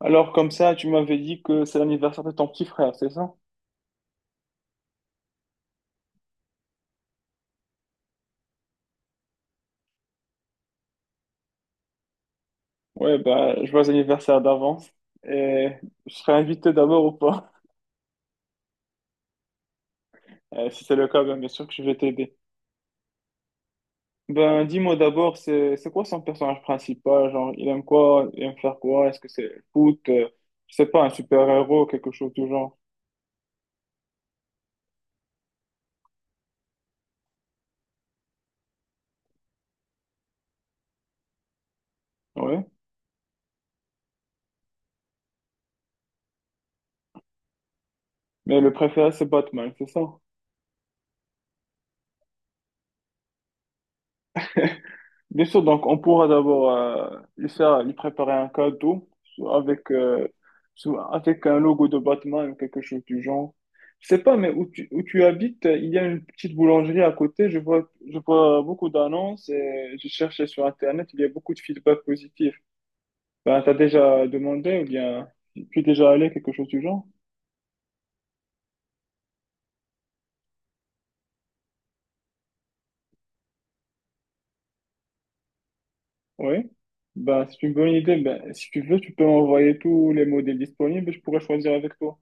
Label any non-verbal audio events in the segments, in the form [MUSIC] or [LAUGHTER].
Alors, comme ça, tu m'avais dit que c'est l'anniversaire de ton petit frère, c'est ça? Ouais, je vois l'anniversaire d'avance. Et je serai invité d'abord ou pas? [LAUGHS] Si c'est le cas, bien sûr que je vais t'aider. Dis-moi d'abord, c'est quoi son personnage principal? Genre, il aime quoi? Il aime faire quoi? Est-ce que c'est le foot? Je sais pas, un super-héros, quelque chose du genre. Ouais. Mais le préféré, c'est Batman, c'est ça? Bien sûr, donc on pourra d'abord lui faire, lui préparer un cadeau soit avec, euh, soit avec un logo de Batman ou quelque chose du genre. Je sais pas, mais où tu habites, il y a une petite boulangerie à côté. Je vois beaucoup d'annonces et j'ai cherché sur Internet. Il y a beaucoup de feedback positif. Ben, t'as déjà demandé ou bien tu es déjà allé, quelque chose du genre? Oui. Ben, c'est une bonne idée. Ben, si tu veux, tu peux m'envoyer tous les modèles disponibles et je pourrais choisir avec toi.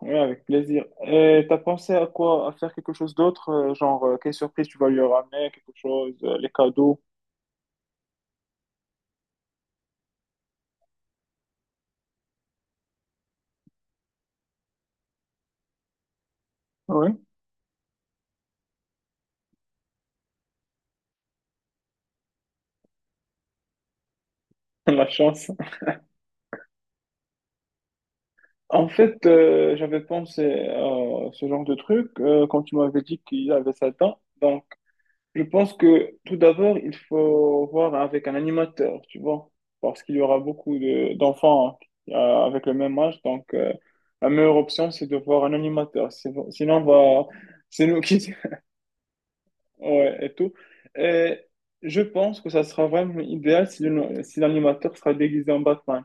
Oui, avec plaisir. Et t'as pensé à quoi? À faire quelque chose d'autre? Genre, quelle surprise tu vas lui ramener? Quelque chose? Les cadeaux? Oui, [LAUGHS] la chance. En fait, j'avais pensé à ce genre de truc quand tu m'avais dit qu'il avait 7 ans. Donc, je pense que tout d'abord, il faut voir avec un animateur, tu vois, parce qu'il y aura beaucoup d'enfants euh, avec le même âge. Donc, la meilleure option, c'est de voir un animateur. Sinon, c'est nous qui. [LAUGHS] Ouais, et tout. Et je pense que ça sera vraiment idéal si si l'animateur sera déguisé en Batman.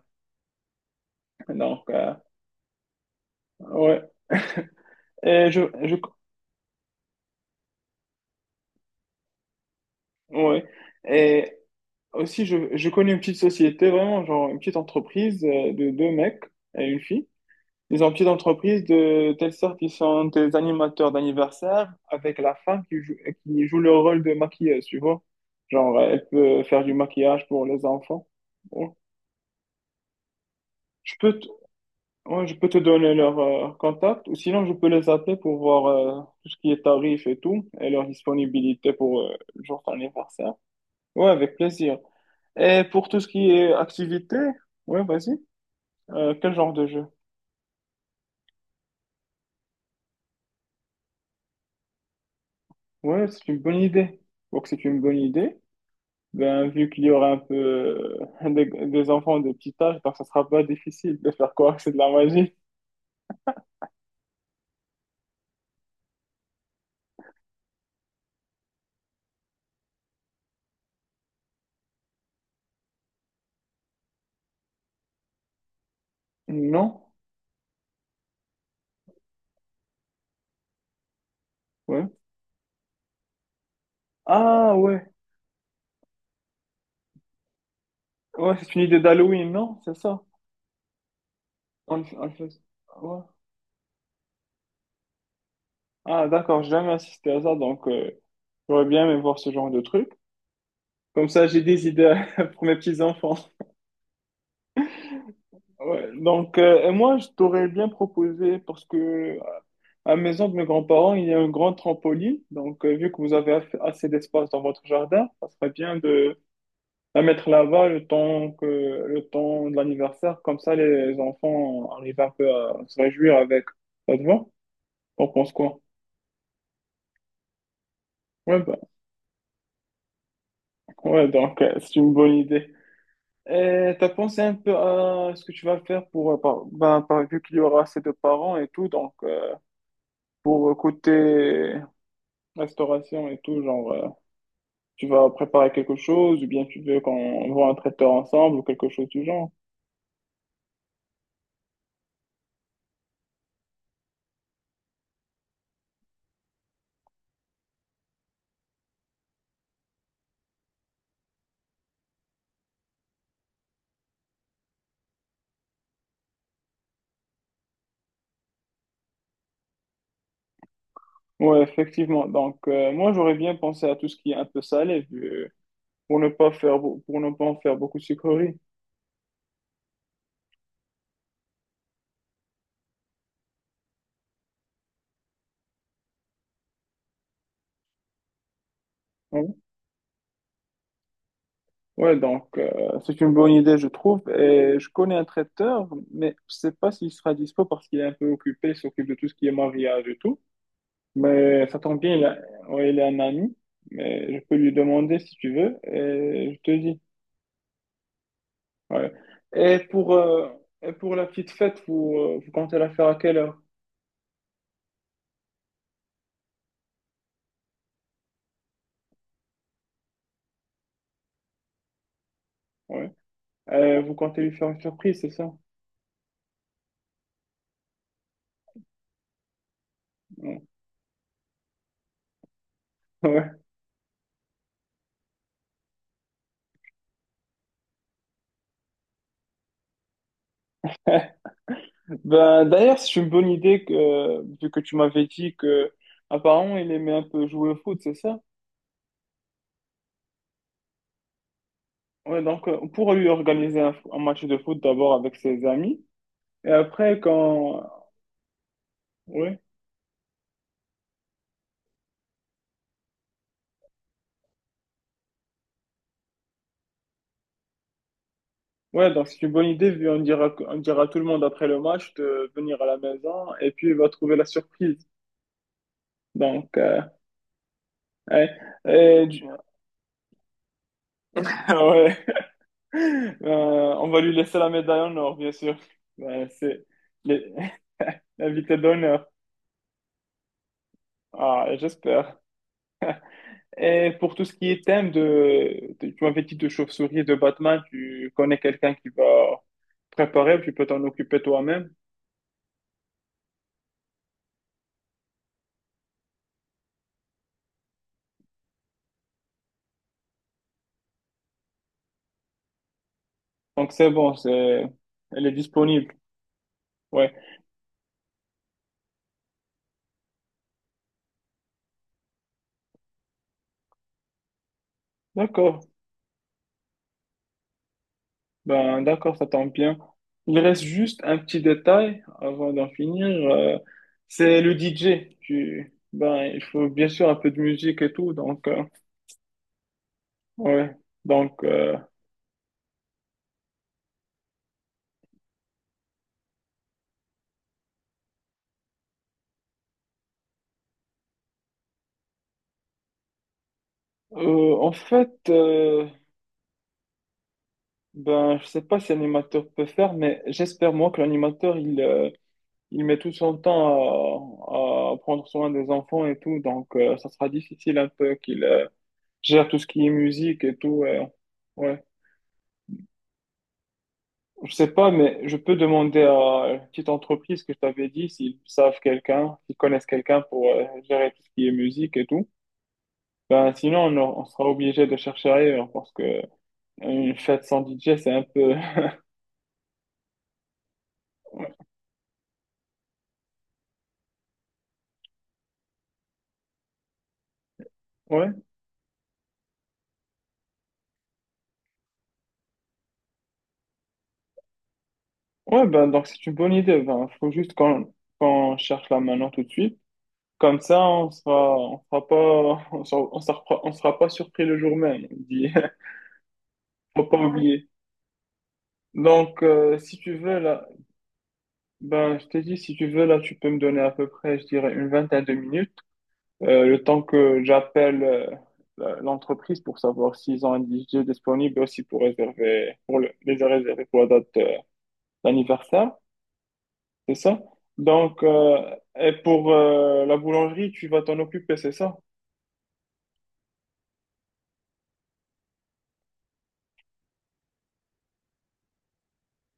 Donc, ouais. Et je, je, ouais. Et aussi, je connais une petite société, vraiment, genre une petite entreprise de deux mecs et une fille. Ils ont une petite entreprise de telle sorte qu'ils sont des animateurs d'anniversaire avec la femme qui joue le rôle de maquilleuse, tu vois. Genre, elle peut faire du maquillage pour les enfants. Bon. Je peux, t- Ouais, je peux te donner leur contact ou sinon je peux les appeler pour voir tout ce qui est tarif et tout et leur disponibilité pour le jour de d'anniversaire. Ouais, avec plaisir. Et pour tout ce qui est activité, ouais, vas-y. Quel genre de jeu? Ouais, c'est une bonne idée. Donc c'est une bonne idée. Ben, vu qu'il y aura un peu [LAUGHS] des enfants de petit âge, donc ça sera pas difficile de faire croire que c'est de la magie. Non? Ouais. Ah ouais, ouais, c'est une idée d'Halloween, non? C'est ça. On fait... ouais. Ah, d'accord, j'ai jamais assisté à ça, donc j'aurais bien aimé voir ce genre de truc. Comme ça, j'ai des idées [LAUGHS] pour mes petits-enfants. Ouais, donc, et moi, je t'aurais bien proposé, parce que à la maison de mes grands-parents, il y a un grand trampoline. Donc, vu que vous avez assez d'espace dans votre jardin, ça serait bien de la mettre là-bas le temps de l'anniversaire. Comme ça, les enfants arrivent un peu à se réjouir avec. Ça te va? On pense quoi? Ouais, ouais, donc, c'est une bonne idée. Et t'as pensé un peu à ce que tu vas faire pour, vu qu'il y aura assez de parents et tout, donc pour côté restauration et tout, genre, tu vas préparer quelque chose ou bien tu veux qu'on voit un traiteur ensemble ou quelque chose du genre. Ouais, effectivement. Donc, moi, j'aurais bien pensé à tout ce qui est un peu salé, pour ne pas pour ne pas en faire beaucoup de sucreries. Ouais, donc c'est une bonne idée, je trouve. Et je connais un traiteur, mais je sais pas s'il sera dispo parce qu'il est un peu occupé, il s'occupe de tout ce qui est mariage et tout. Mais ça tombe bien. Ouais, il a un ami. Mais je peux lui demander si tu veux et je te dis. Ouais. Et pour, euh, et pour la petite fête, vous comptez la faire à quelle heure? Ouais. Vous comptez lui faire une surprise, c'est ça? Ouais. [LAUGHS] Ouais. Ben, d'ailleurs, c'est une bonne idée que, vu que tu m'avais dit que apparemment il aimait un peu jouer au foot, c'est ça? Ouais, donc, pour lui organiser un match de foot d'abord avec ses amis. Et après, quand. Ouais, ouais, donc c'est une bonne idée, vu on dira à tout le monde après le match de venir à la maison et puis il va trouver la surprise. Donc, ouais. Et du- [LAUGHS] ouais. On va lui laisser la médaille en or, bien sûr. Ouais, c'est les- [LAUGHS] l'invité d'honneur. Ah, j'espère. Et pour tout ce qui est thème de tu m'avais dit de chauve-souris et de Batman, tu connais quelqu'un qui va préparer, tu peux t'en occuper toi-même. Donc c'est bon, elle est disponible. Ouais, d'accord. Ben d'accord, ça tombe bien. Il reste juste un petit détail avant d'en finir. C'est le DJ. Ben il faut bien sûr un peu de musique et tout. Donc ouais. Donc en fait. Ben, je sais pas si l'animateur peut faire, mais j'espère moi que l'animateur il met tout son temps à prendre soin des enfants et tout, donc ça sera difficile un peu qu'il gère tout ce qui est musique et tout. Ouais, je sais pas, mais je peux demander à une petite entreprise que je t'avais dit s'ils savent quelqu'un, s'ils connaissent quelqu'un pour gérer tout ce qui est musique et tout. Ben sinon on sera obligé de chercher ailleurs parce que une fête sans DJ c'est un peu [LAUGHS] ouais. Ouais, ben, donc c'est une bonne idée. Ben, faut juste qu'on cherche là maintenant tout de suite. Comme ça, on sera pas, [LAUGHS] on sera pas surpris le jour même. On dit. [LAUGHS] Faut pas oublier. Donc, si tu veux, là, ben, je t'ai dit, si tu veux, là, tu peux me donner à peu près, je dirais, une vingtaine de minutes, le temps que j'appelle, l'entreprise pour savoir s'ils ont un DJ disponible et aussi pour réserver, pour les réserver pour la date, d'anniversaire. C'est ça? Donc, et pour la boulangerie, tu vas t'en occuper, c'est ça?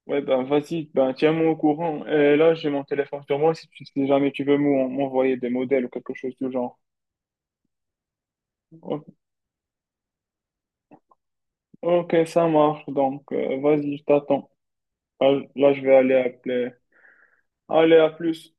Ouais, ben vas-y, ben tiens-moi au courant. Et là, j'ai mon téléphone sur moi si jamais tu veux m'envoyer des modèles ou quelque chose du genre. O- Ok, ça marche, donc vas-y, je t'attends. Ah, là, je vais aller appeler. Allez, à plus.